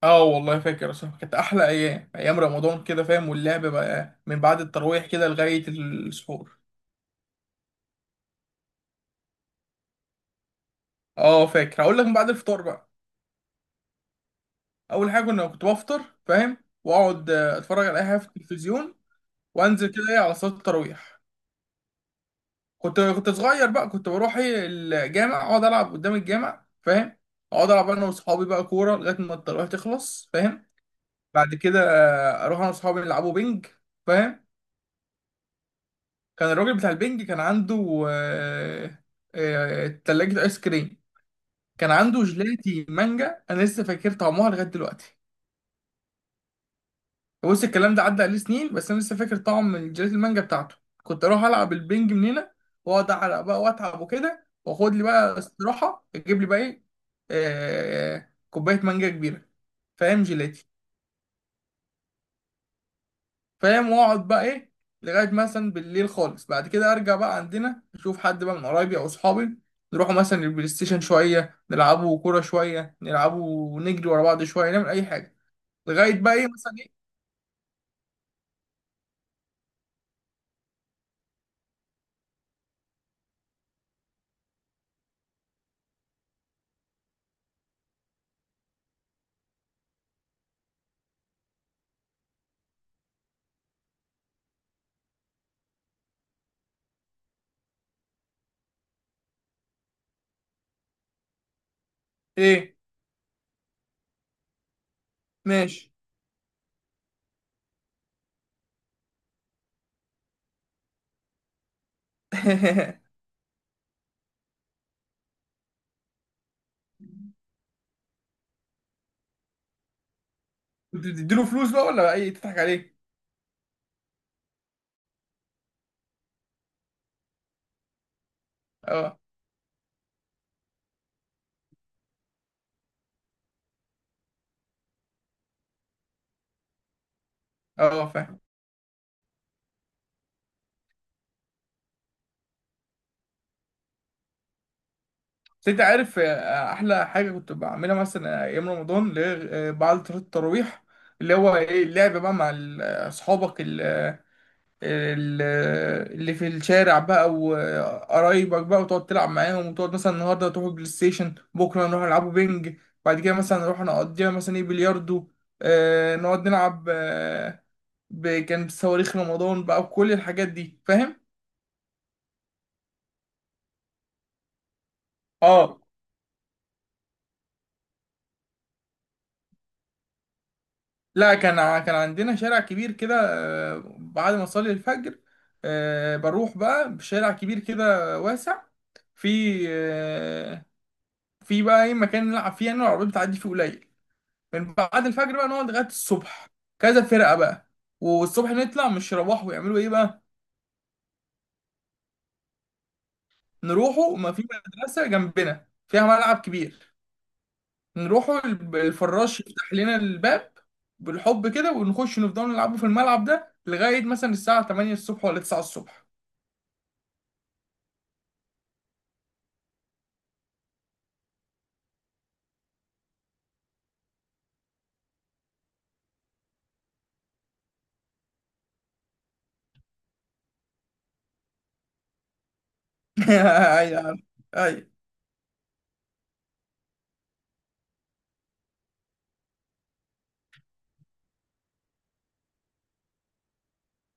اه والله فاكر اصلا كانت احلى ايام ايام رمضان كده فاهم. واللعب بقى من بعد التراويح كده لغايه السحور. اه فاكر هقول لك من بعد الفطار بقى. اول حاجه كنت بفطر فاهم، واقعد اتفرج على اي حاجه في التلفزيون، وانزل كده ايه على صلاه التراويح. كنت صغير بقى، كنت بروح ايه الجامع، اقعد العب قدام الجامع فاهم. اقعد العب انا واصحابي بقى كوره لغايه ما التراويح تخلص فاهم. بعد كده اروح انا واصحابي نلعبوا بينج فاهم. كان الراجل بتاع البنج كان عنده تلاجة آيس كريم. كان عنده جيلاتي مانجا، أنا لسه فاكر طعمها لغاية دلوقتي. بص الكلام ده عدى عليه سنين، بس أنا لسه فاكر طعم الجيلاتي المانجا بتاعته. كنت أروح ألعب البنج من هنا، وأقعد أعرق بقى وأتعب وكده، وأخد لي بقى استراحة أجيب لي بقى إيه، كوباية مانجا كبيرة فاهم، جيلاتي. فاهم، واقعد بقى ايه لغايه مثلا بالليل خالص. بعد كده ارجع بقى عندنا اشوف حد بقى من قرايبي او اصحابي، نروحوا مثلا البلاي ستيشن شويه، نلعبوا كوره شويه، نلعبوا نجري ورا بعض شويه، نعمل اي حاجه لغايه بقى ايه مثلا ايه. ايه ماشي. كنت بتديله فلوس بقى ولا بقى ايه تضحك عليه؟ اه، اه فاهم. بس انت عارف احلى حاجه كنت بعملها مثلا ايام رمضان اللي هي بعد صلاه التراويح، اللي هو ايه اللعب بقى مع اصحابك، ال- اللي في الشارع بقى وقرايبك بقى، وتقعد تلعب معاهم، وتقعد مثلا النهارده تروح بلاي ستيشن، بكره نروح نلعبوا بينج. بعد كده مثلا نروح نقضيها مثلا ايه بلياردو، آه نقعد نلعب آه، كان بصواريخ رمضان بقى وكل الحاجات دي فاهم؟ اه. لا كان كان عندنا شارع كبير كده، بعد ما اصلي الفجر بروح بقى بشارع كبير كده واسع. في آه، في بقى ايه مكان نلعب فيه، يعني العربيات بتعدي فيه قليل. من بعد الفجر بقى نقعد لغاية الصبح، كذا فرقة بقى. والصبح نطلع مش يروحوا يعملوا ايه بقى. نروحوا، ما في مدرسة جنبنا فيها ملعب كبير، نروحوا الفراش يفتح لنا الباب بالحب كده، ونخش نفضل نلعبوا في الملعب ده لغاية مثلا الساعة 8 الصبح ولا 9 الصبح. ايوه، ايوه.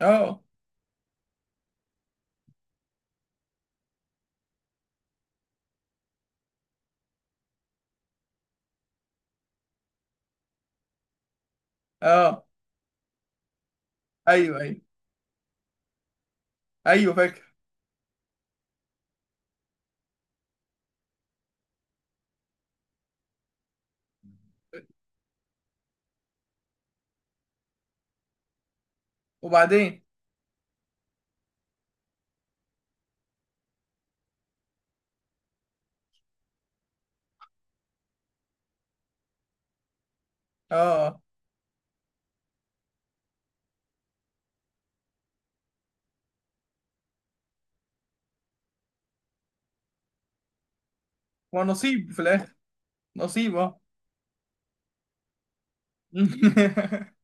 اه، اه. ايوه، ايوه، ايوه فاكر. وبعدين اه، ونصيب في الاخر. نصيب اه.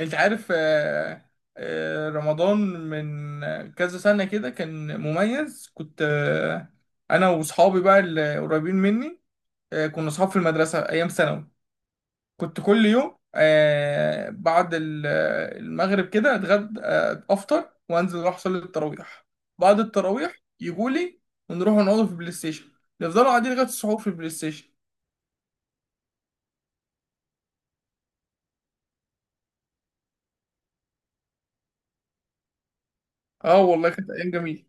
انت عارف رمضان من كذا سنة كده كان مميز. كنت انا وصحابي بقى اللي قريبين مني، كنا صحاب في المدرسة ايام ثانوي. كنت كل يوم بعد المغرب كده اتغدى، افطر وانزل اروح اصلي التراويح. بعد التراويح يجولي، ونروح نقعد في البلاي ستيشن، نفضلوا قاعدين لغاية السحور في البلاي ستيشن. اه والله كانت ايام جميلة.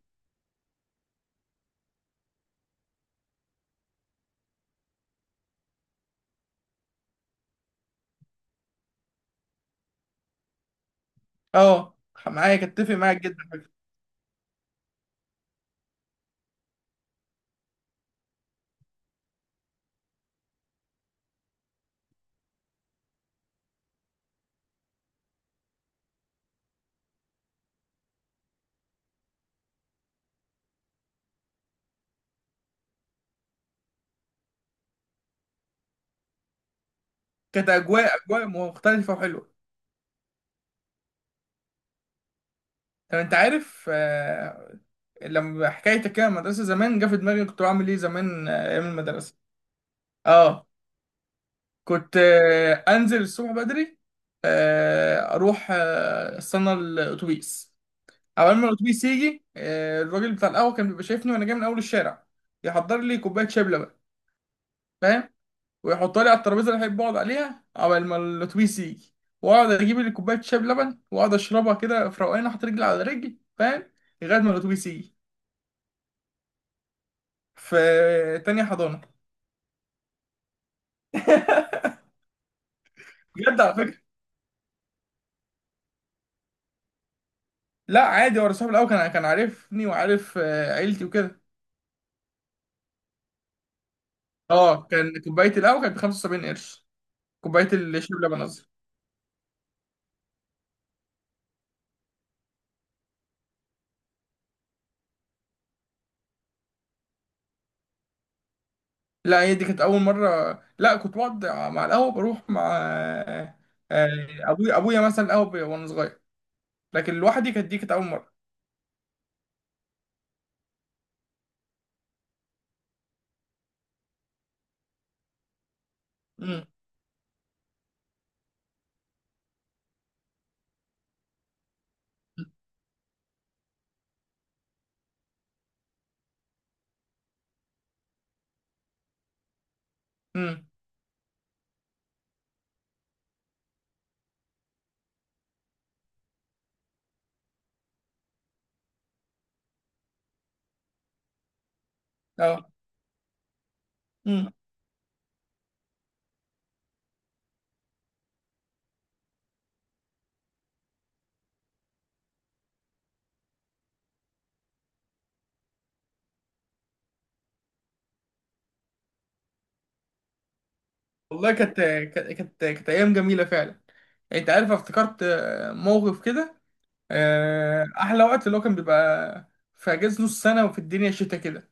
اه معايا كنت اتفق معاك جدا. كانت اجواء مختلفة وحلوة. طب انت عارف لما حكايتك كده المدرسه زمان جه في دماغي كنت بعمل ايه زمان ايام المدرسه. اه، كنت انزل الصبح بدري، اروح استنى الاتوبيس. اول ما الاتوبيس يجي الراجل بتاع القهوه كان بيبقى شايفني وانا جاي من اول الشارع، يحضر لي كوبايه شبلة بقى فاهم، ويحطها لي على الترابيزه اللي احب اقعد عليها. اول ما الاتوبيس يجي واقعد اجيب لي كوبايه شاي بلبن واقعد اشربها كده في روقان، احط رجلي على رجلي فاهم، لغايه ما الاتوبيس يجي. في تانية حضانة، بجد على فكرة. لا عادي، هو صاحبي الأول كان عارفني وعارف عيلتي وكده. اه كان كوباية القهوة كانت ب 75 قرش. كوباية الشاي بلبن قصدي. لا هي دي كانت أول مرة. لا كنت بقعد مع القهوة بروح مع آه، أبويا مثلا القهوة وأنا صغير، لكن لوحدي دي كانت أول مرة. امم، امم، اه، امم والله. كانت أيام جميلة فعلا. يعني أنت عارف افتكرت موقف كده. احلى وقت اللي هو كان بيبقى في اجازه نص سنه وفي الدنيا شتاء كده،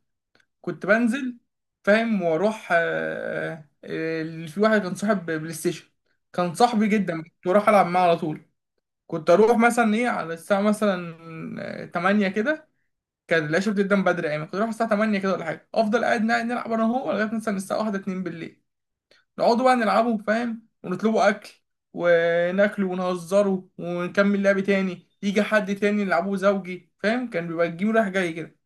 كنت بنزل فاهم، واروح اللي في واحد كان صاحب بلاي ستيشن، كان صاحبي جدا كنت بروح العب معاه على طول. كنت اروح مثلا ايه على الساعه مثلا 8 كده، كان العشاء بتبدا من بدري يعني، كنت اروح الساعه 8 كده ولا حاجه، افضل قاعد نلعب انا وهو لغايه مثلا الساعه 1 2 بالليل. نقعدوا بقى نلعبوا فاهم، ونطلبوا اكل وناكله ونهزره، ونكمل لعب تاني يجي حد تاني نلعبه زوجي فاهم. كان بيبقى الجيم رايح جاي كده.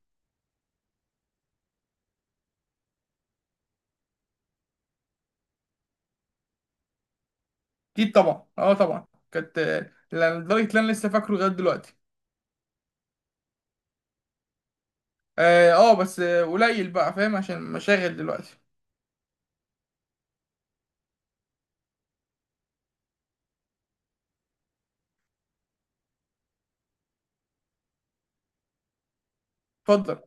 اكيد طبعا، اه طبعا. كانت لدرجه ان انا لسه فاكره لغايه دلوقتي. اه، بس قليل بقى فاهم عشان مشاغل دلوقتي. اتفضل.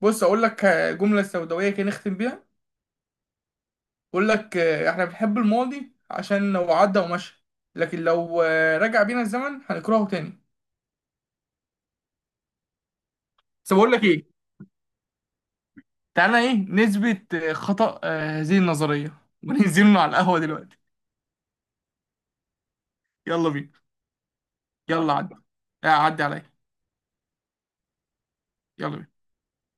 بص اقول لك جمله سوداويه كده نختم بيها. اقول لك احنا بنحب الماضي عشان لو عدى ومشى، لكن لو رجع بينا الزمن هنكرهه تاني. بس بقول لك ايه، تعالى ايه نثبت خطأ هذه النظرية وننزل على القهوة دلوقتي. يلا بينا. يلا عدي عليا. يلا بينا.